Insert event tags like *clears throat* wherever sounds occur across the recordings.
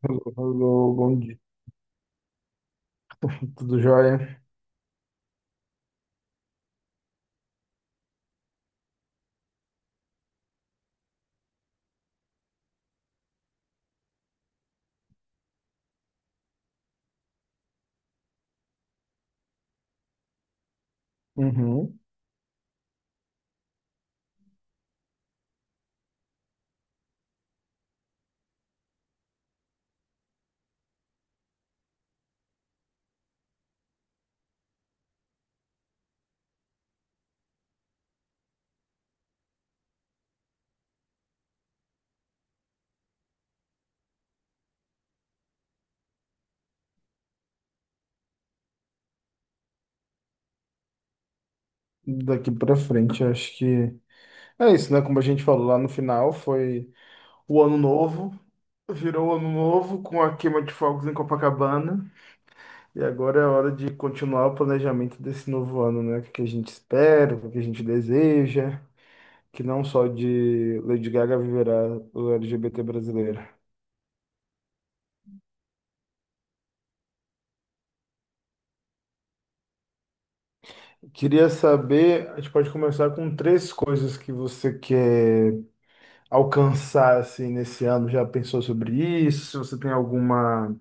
Hello, hello, bom dia, tudo jóia? Uhum. Daqui pra frente, acho que é isso, né? Como a gente falou lá no final, foi o ano novo, virou o ano novo com a queima de fogos em Copacabana, e agora é a hora de continuar o planejamento desse novo ano, né? O que a gente espera, o que a gente deseja, que não só de Lady Gaga viverá o LGBT brasileiro. Queria saber, a gente pode começar com três coisas que você quer alcançar assim nesse ano? Já pensou sobre isso? Se você tem alguma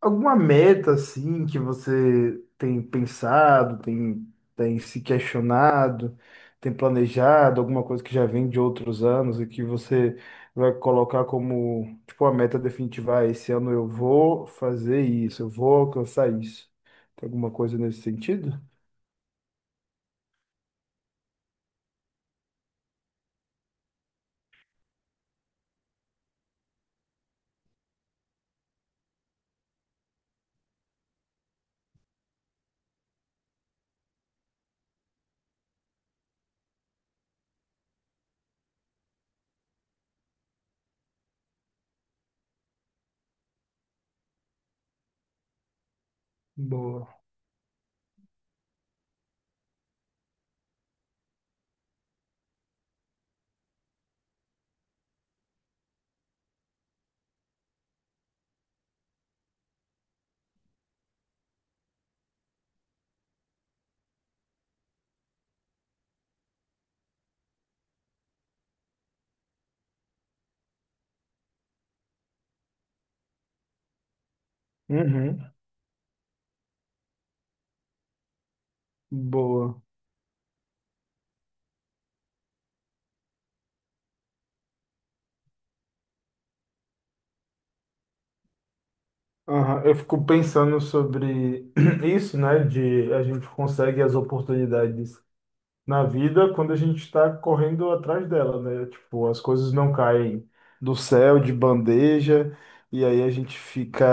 meta assim que você tem pensado, tem se questionado, tem planejado alguma coisa que já vem de outros anos e que você vai colocar como tipo a meta definitiva, ah, esse ano eu vou fazer isso, eu vou alcançar isso. Tem alguma coisa nesse sentido? Boa. Uhum. Boa. Aham, eu fico pensando sobre *clears throat* isso, né? De a gente consegue as oportunidades na vida quando a gente está correndo atrás dela, né? Tipo, as coisas não caem do céu de bandeja e aí a gente fica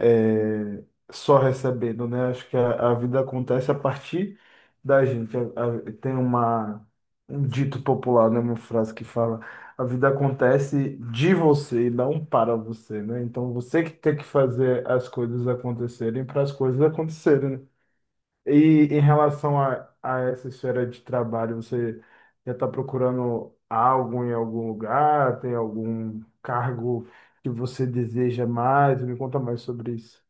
só recebendo, né? Acho que a vida acontece a partir da gente. Tem uma, um dito popular, né? Uma frase que fala: a vida acontece de você e não para você, né? Então você que tem que fazer as coisas acontecerem para as coisas acontecerem, né? E em relação a essa esfera de trabalho, você já está procurando algo em algum lugar? Tem algum cargo que você deseja mais? Me conta mais sobre isso.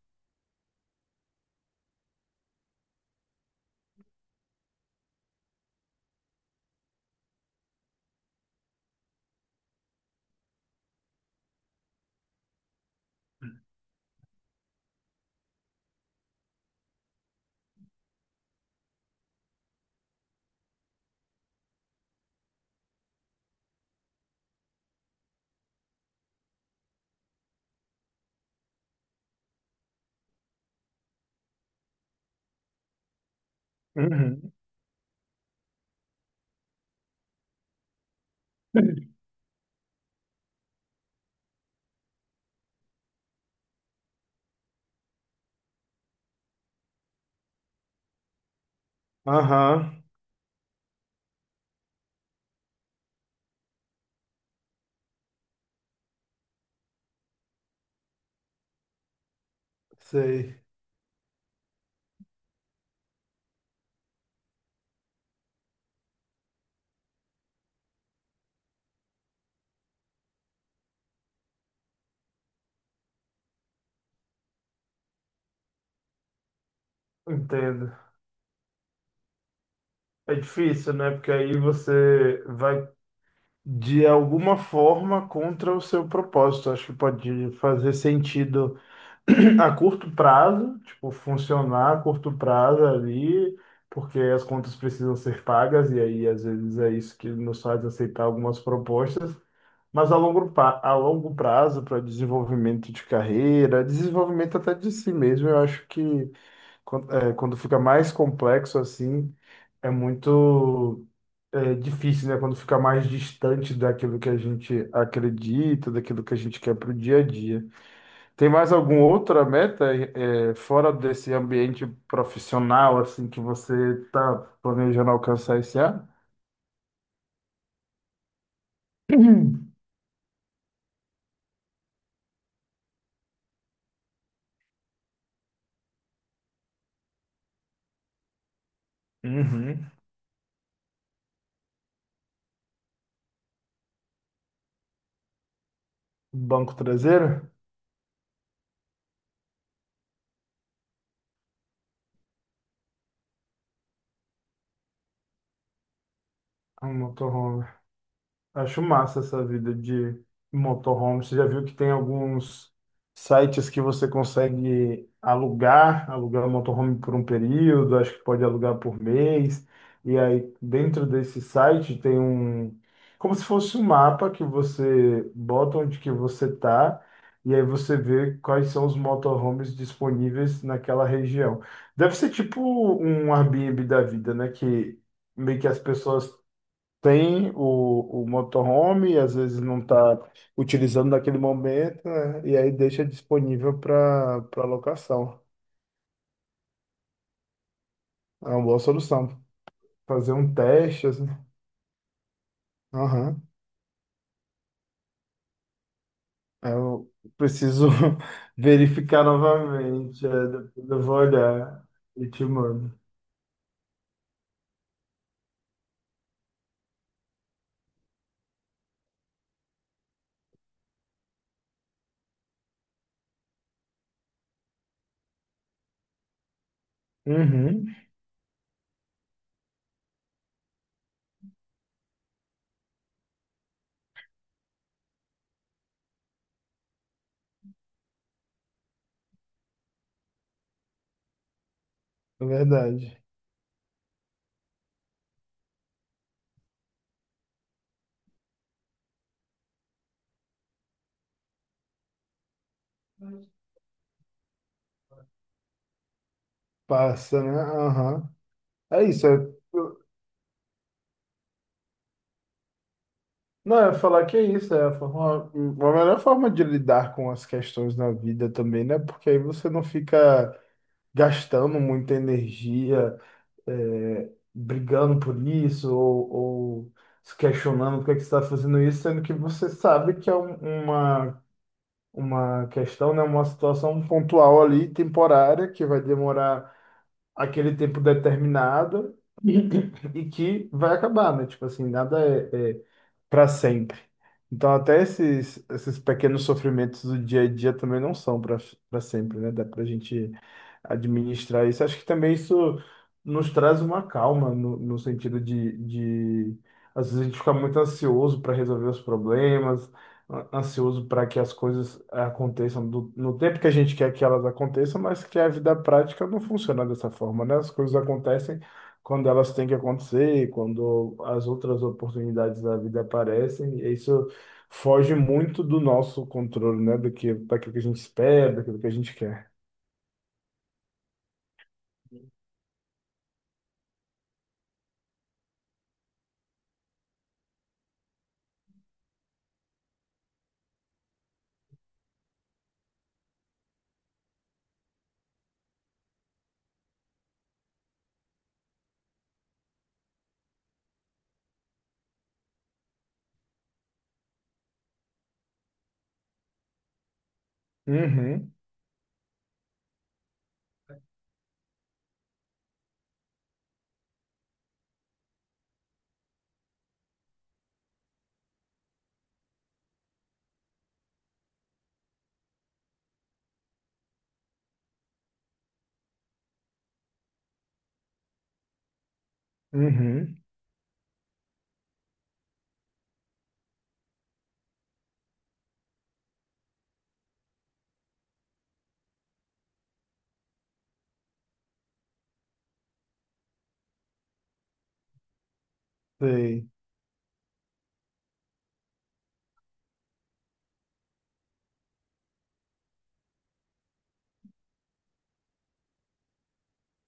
Uhum. Aham, sei, entendo. É difícil, né? Porque aí você vai de alguma forma contra o seu propósito. Acho que pode fazer sentido *clears throat* a curto prazo, tipo, funcionar a curto prazo ali, porque as contas precisam ser pagas, e aí às vezes é isso que nos faz aceitar algumas propostas, mas a longo, a longo prazo, para desenvolvimento de carreira, desenvolvimento até de si mesmo, eu acho que quando fica mais complexo assim, é muito. É difícil, né? Quando fica mais distante daquilo que a gente acredita, daquilo que a gente quer para o dia a dia. Tem mais alguma outra meta fora desse ambiente profissional assim que você está planejando alcançar esse ano? Uhum. Uhum. Banco traseiro? Um motorhome. Acho massa essa vida de motorhome. Você já viu que tem alguns sites que você consegue alugar, alugar o motorhome por um período, acho que pode alugar por mês. E aí, dentro desse site, tem um, como se fosse um mapa que você bota onde que você tá, e aí você vê quais são os motorhomes disponíveis naquela região. Deve ser tipo um Airbnb da vida, né? Que meio que as pessoas tem o motorhome, e às vezes não está utilizando naquele momento, né? E aí deixa disponível para locação. É uma boa solução. Fazer um teste, assim. Aham. Eu preciso *laughs* verificar novamente. É, depois eu vou olhar e te mando. Uhum, é verdade. Passa, né? Aham. É isso. Não, eu ia falar que é isso, é a forma, a melhor forma de lidar com as questões na vida também, né? Porque aí você não fica gastando muita energia, é, brigando por isso, ou se questionando por que que você está fazendo isso, sendo que você sabe que é uma questão, né? Uma situação pontual ali, temporária, que vai demorar aquele tempo determinado e que vai acabar, né? Tipo assim, nada é, é para sempre. Então, até esses pequenos sofrimentos do dia a dia também não são para sempre, né? Dá para a gente administrar isso. Acho que também isso nos traz uma calma, no sentido de. Às vezes a gente fica muito ansioso para resolver os problemas, ansioso para que as coisas aconteçam no tempo que a gente quer que elas aconteçam, mas que a vida prática não funciona dessa forma, né? As coisas acontecem quando elas têm que acontecer, quando as outras oportunidades da vida aparecem, e isso foge muito do nosso controle, né? Do que, daquilo que a gente espera, daquilo que a gente quer. Uhum, uhum, sei.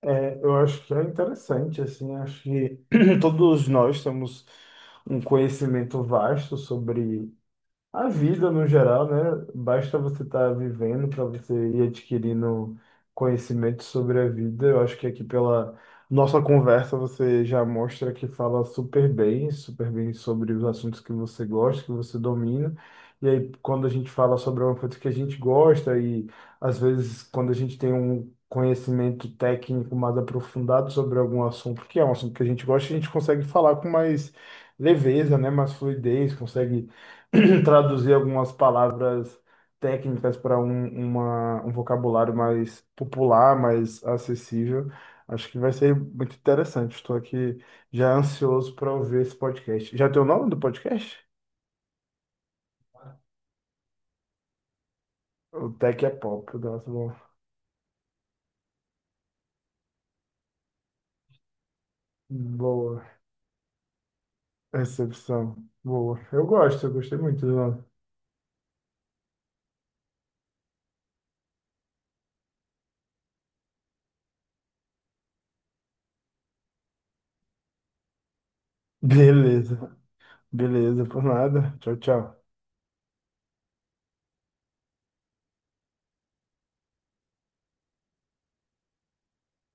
É, eu acho que é interessante, assim, acho que *clears throat* todos nós temos um conhecimento vasto sobre a vida no geral, né? Basta você estar vivendo para você ir adquirindo conhecimento sobre a vida. Eu acho que aqui pela nossa conversa você já mostra que fala super bem sobre os assuntos que você gosta, que você domina. E aí, quando a gente fala sobre uma coisa que a gente gosta, e às vezes quando a gente tem um conhecimento técnico mais aprofundado sobre algum assunto, que é um assunto que a gente gosta, a gente consegue falar com mais leveza, né? Mais fluidez, consegue *clears throat* traduzir algumas palavras técnicas para um vocabulário mais popular, mais acessível. Acho que vai ser muito interessante. Estou aqui já ansioso para ouvir esse podcast. Já tem o nome do podcast? O Tech é Pop. Nossa, boa, boa recepção. Boa. Eu gosto, eu gostei muito do nome. Beleza, beleza, por nada. Tchau, tchau.